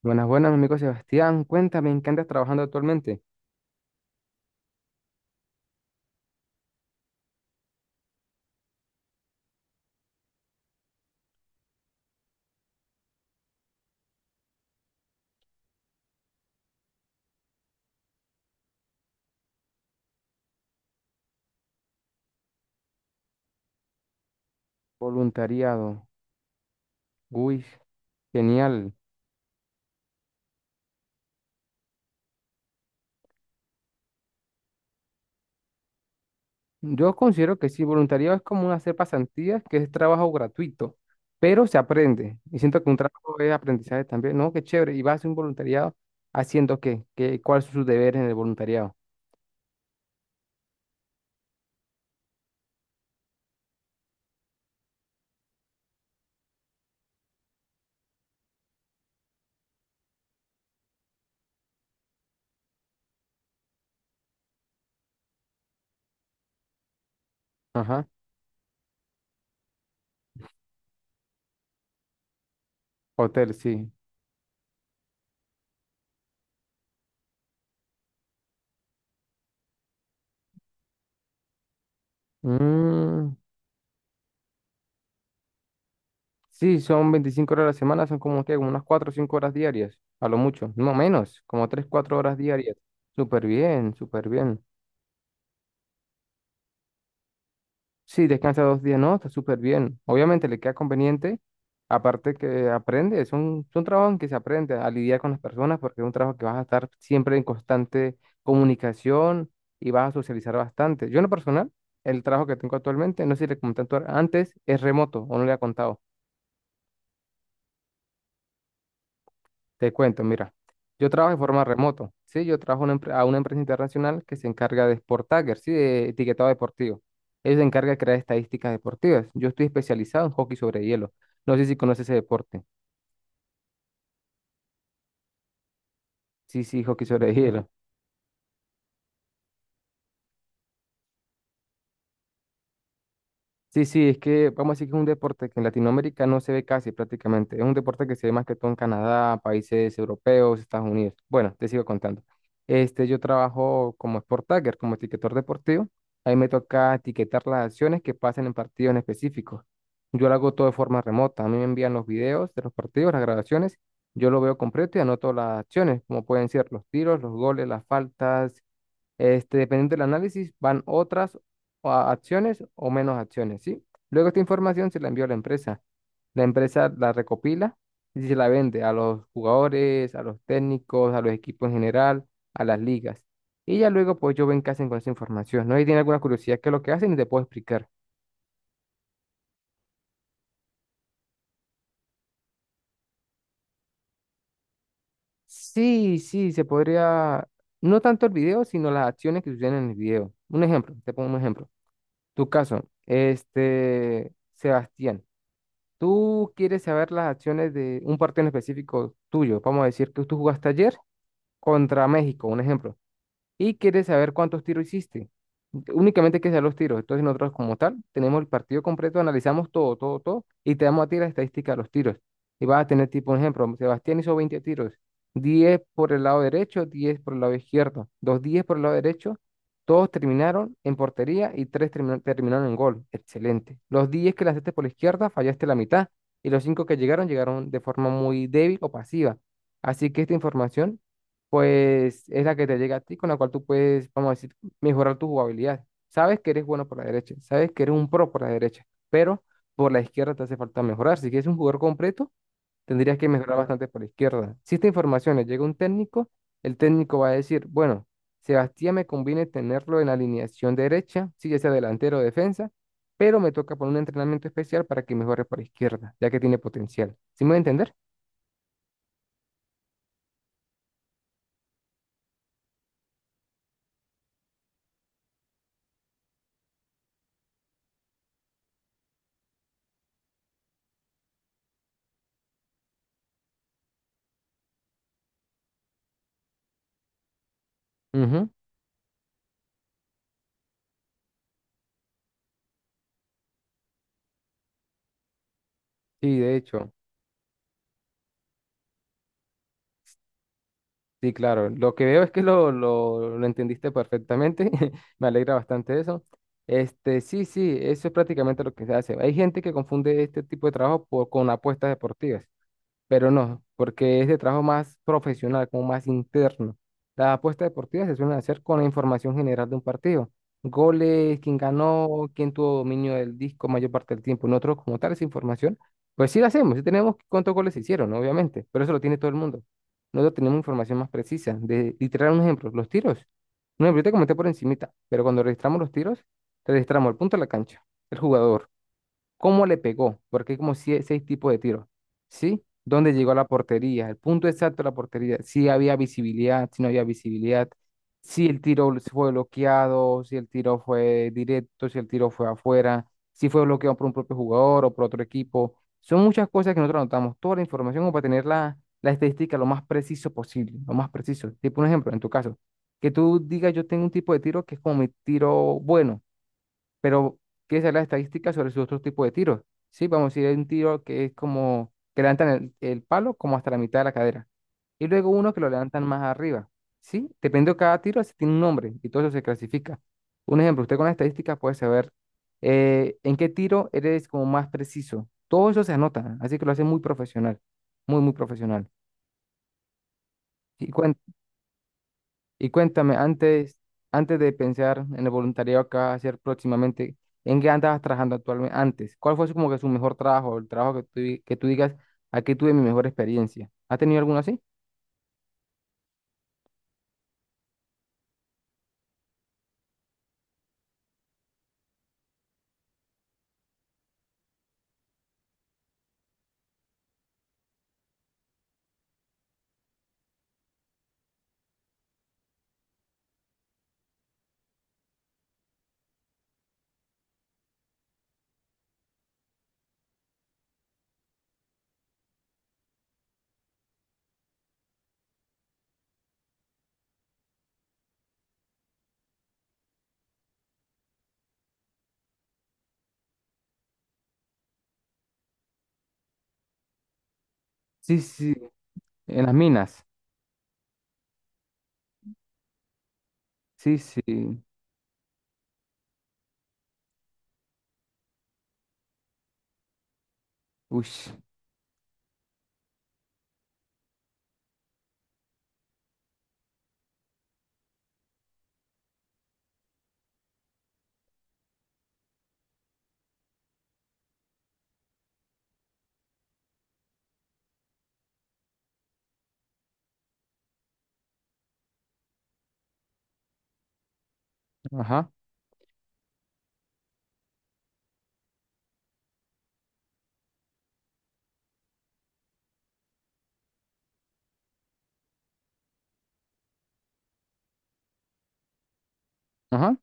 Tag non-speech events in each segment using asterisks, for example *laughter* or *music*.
Buenas, buenas, mi amigo Sebastián. Cuéntame, ¿en qué andas trabajando actualmente? Voluntariado. Uy, genial. Yo considero que sí, voluntariado es como hacer pasantías, que es trabajo gratuito, pero se aprende. Y siento que un trabajo es aprendizaje también. No, qué chévere. ¿Y vas a hacer un voluntariado haciendo qué? ¿Qué, cuáles son sus deberes en el voluntariado? Ajá. Hotel, sí. Mm, sí, son 25 horas a la semana, son como que unas 4 o 5 horas diarias, a lo mucho. No menos, como 3 4 horas diarias. Súper bien, súper bien. Sí, descansa 2 días, no, está súper bien. Obviamente le queda conveniente, aparte que aprende, es un trabajo en que se aprende a lidiar con las personas porque es un trabajo que vas a estar siempre en constante comunicación y vas a socializar bastante. Yo en lo personal, el trabajo que tengo actualmente, no sé si le comenté antes, es remoto o no le ha contado. Te cuento, mira, yo trabajo de forma remoto, ¿sí? Yo trabajo a una empresa internacional que se encarga de sport tagger, ¿sí? De etiquetado deportivo. Ellos se encargan de crear estadísticas deportivas. Yo estoy especializado en hockey sobre hielo. No sé si conoces ese deporte. Sí, sí, hockey sobre hielo. Sí, sí, es que vamos a decir que es un deporte que en Latinoamérica no se ve casi prácticamente. Es un deporte que se ve más que todo en Canadá, países europeos, Estados Unidos. Bueno, te sigo contando. Este, yo trabajo como sport tagger, como etiquetador deportivo. Ahí me toca etiquetar las acciones que pasan en partidos en específico. Yo lo hago todo de forma remota. A mí me envían los videos de los partidos, las grabaciones. Yo lo veo completo y anoto las acciones, como pueden ser los tiros, los goles, las faltas, este, dependiendo del análisis, van otras o acciones o menos acciones, ¿sí? Luego esta información se la envió a la empresa. La empresa la recopila y se la vende a los jugadores, a los técnicos, a los equipos en general, a las ligas. Y ya luego, pues yo ven qué hacen con esa información, ¿no? Y tiene alguna curiosidad, ¿qué es lo que hacen? Y te puedo explicar. Sí, sí, se podría, no tanto el video, sino las acciones que suceden en el video. Un ejemplo, te pongo un ejemplo. Tu caso, este, Sebastián. Tú quieres saber las acciones de un partido en específico tuyo. Vamos a decir que tú jugaste ayer contra México, un ejemplo y quiere saber cuántos tiros hiciste. Únicamente hay que saber los tiros. Entonces nosotros como tal tenemos el partido completo, analizamos todo, todo, todo y te damos a ti la estadística de los tiros. Y vas a tener tipo, un ejemplo, Sebastián hizo 20 tiros, 10 por el lado derecho, 10 por el lado izquierdo, dos 10 por el lado derecho, todos terminaron en portería y 3 terminaron en gol. Excelente. Los 10 que lanzaste por la izquierda fallaste la mitad y los 5 que llegaron de forma muy débil o pasiva. Así que esta información pues es la que te llega a ti, con la cual tú puedes, vamos a decir, mejorar tu jugabilidad. Sabes que eres bueno por la derecha, sabes que eres un pro por la derecha, pero por la izquierda te hace falta mejorar. Si quieres un jugador completo, tendrías que mejorar bastante por la izquierda. Si esta información le llega a un técnico, el técnico va a decir, bueno, Sebastián me conviene tenerlo en la alineación derecha, si ya sea delantero o defensa, pero me toca poner un entrenamiento especial para que mejore por la izquierda, ya que tiene potencial. ¿Sí me voy a entender? Ujú. Sí, de hecho. Sí, claro. Lo que veo es que lo entendiste perfectamente. *laughs* Me alegra bastante eso. Este, sí, sí, eso es prácticamente lo que se hace. Hay gente que confunde este tipo de trabajo por- con apuestas deportivas pero no, porque es de trabajo más profesional, como más interno. Las apuestas deportivas se suelen hacer con la información general de un partido. Goles, quién ganó, quién tuvo dominio del disco mayor parte del tiempo. Nosotros, como tal, esa información, pues sí la hacemos, sí tenemos cuántos goles se hicieron, ¿no? obviamente, pero eso lo tiene todo el mundo. Nosotros tenemos información más precisa. De, literal, un ejemplo, los tiros. Un ejemplo, yo te comenté por encimita, pero cuando registramos los tiros, registramos el punto de la cancha, el jugador cómo le pegó, porque hay como seis tipos de tiros, ¿sí? ¿Dónde llegó a la portería? El punto exacto de la portería, si había visibilidad, si no había visibilidad, si el tiro fue bloqueado, si el tiro fue directo, si el tiro fue afuera, si fue bloqueado por un propio jugador o por otro equipo. Son muchas cosas que nosotros anotamos, toda la información como para tener la estadística lo más preciso posible, lo más preciso. Tipo un ejemplo, en tu caso, que tú digas yo tengo un tipo de tiro que es como mi tiro bueno pero quiere saber las estadísticas sobre sus otros tipos de tiros. Sí, vamos a decir, hay un tiro que es como que levantan el palo como hasta la mitad de la cadera. Y luego uno que lo levantan más arriba. Sí, dependiendo de cada tiro, se tiene un nombre y todo eso se clasifica. Un ejemplo, usted con las estadísticas puede saber en qué tiro eres como más preciso. Todo eso se anota, así que lo hace muy profesional, muy, muy profesional. Y y cuéntame, antes, antes de pensar en el voluntariado que vas a hacer próximamente, ¿en qué andabas trabajando actualmente antes? ¿Cuál fue como que su mejor trabajo, el trabajo que tú, que tú digas, aquí tuve mi mejor experiencia? ¿Has tenido alguno así? Sí, sí, en las minas. Sí, sí. Uy, ajá, ajá.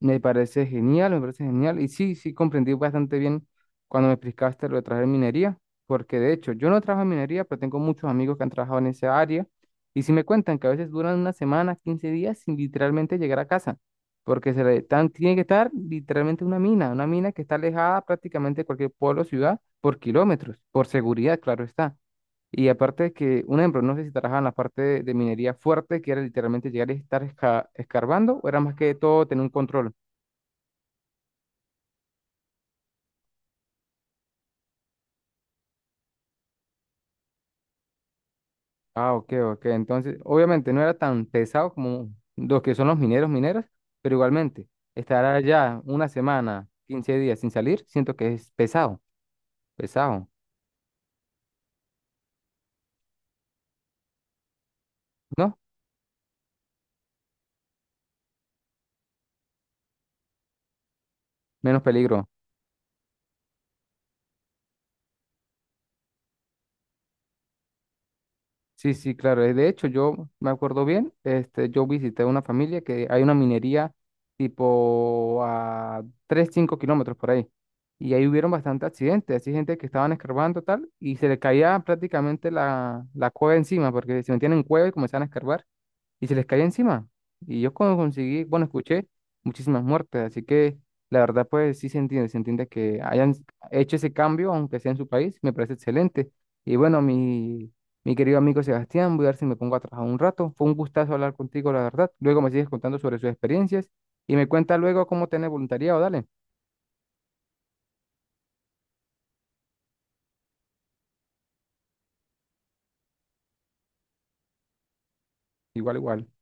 Me parece genial, me parece genial. Y sí, sí, comprendí bastante bien cuando me explicaste lo de trabajar en minería, porque de hecho yo no trabajo en minería, pero tengo muchos amigos que han trabajado en esa área. Y sí me cuentan que a veces duran una semana, 15 días sin literalmente llegar a casa, porque tiene que estar literalmente una mina que está alejada prácticamente de cualquier pueblo o ciudad por kilómetros, por seguridad, claro está. Y aparte de que, un ejemplo, no sé si trabajaban en la parte de, minería fuerte, que era literalmente llegar y estar escarbando, o era más que todo tener un control. Ah, ok, ok. Entonces, obviamente no era tan pesado como los que son los mineros, mineras, pero igualmente, estar allá una semana, 15 días sin salir, siento que es pesado, pesado, ¿no? Menos peligro. Sí, sí, claro. De hecho, yo me acuerdo bien, este, yo visité una familia que hay una minería tipo a 3, 5 kilómetros por ahí. Y ahí hubieron bastantes accidentes, así gente que estaban escarbando tal, y se le caía prácticamente la cueva encima, porque se metían en cueva y comenzaban a escarbar y se les caía encima. Y yo cuando conseguí, bueno, escuché muchísimas muertes, así que la verdad pues sí se entiende que hayan hecho ese cambio, aunque sea en su país, me parece excelente. Y bueno, mi querido amigo Sebastián, voy a ver si me pongo a trabajar un rato. Fue un gustazo hablar contigo, la verdad. Luego me sigues contando sobre sus experiencias y me cuenta luego cómo tener voluntariado, dale. Igual, igual.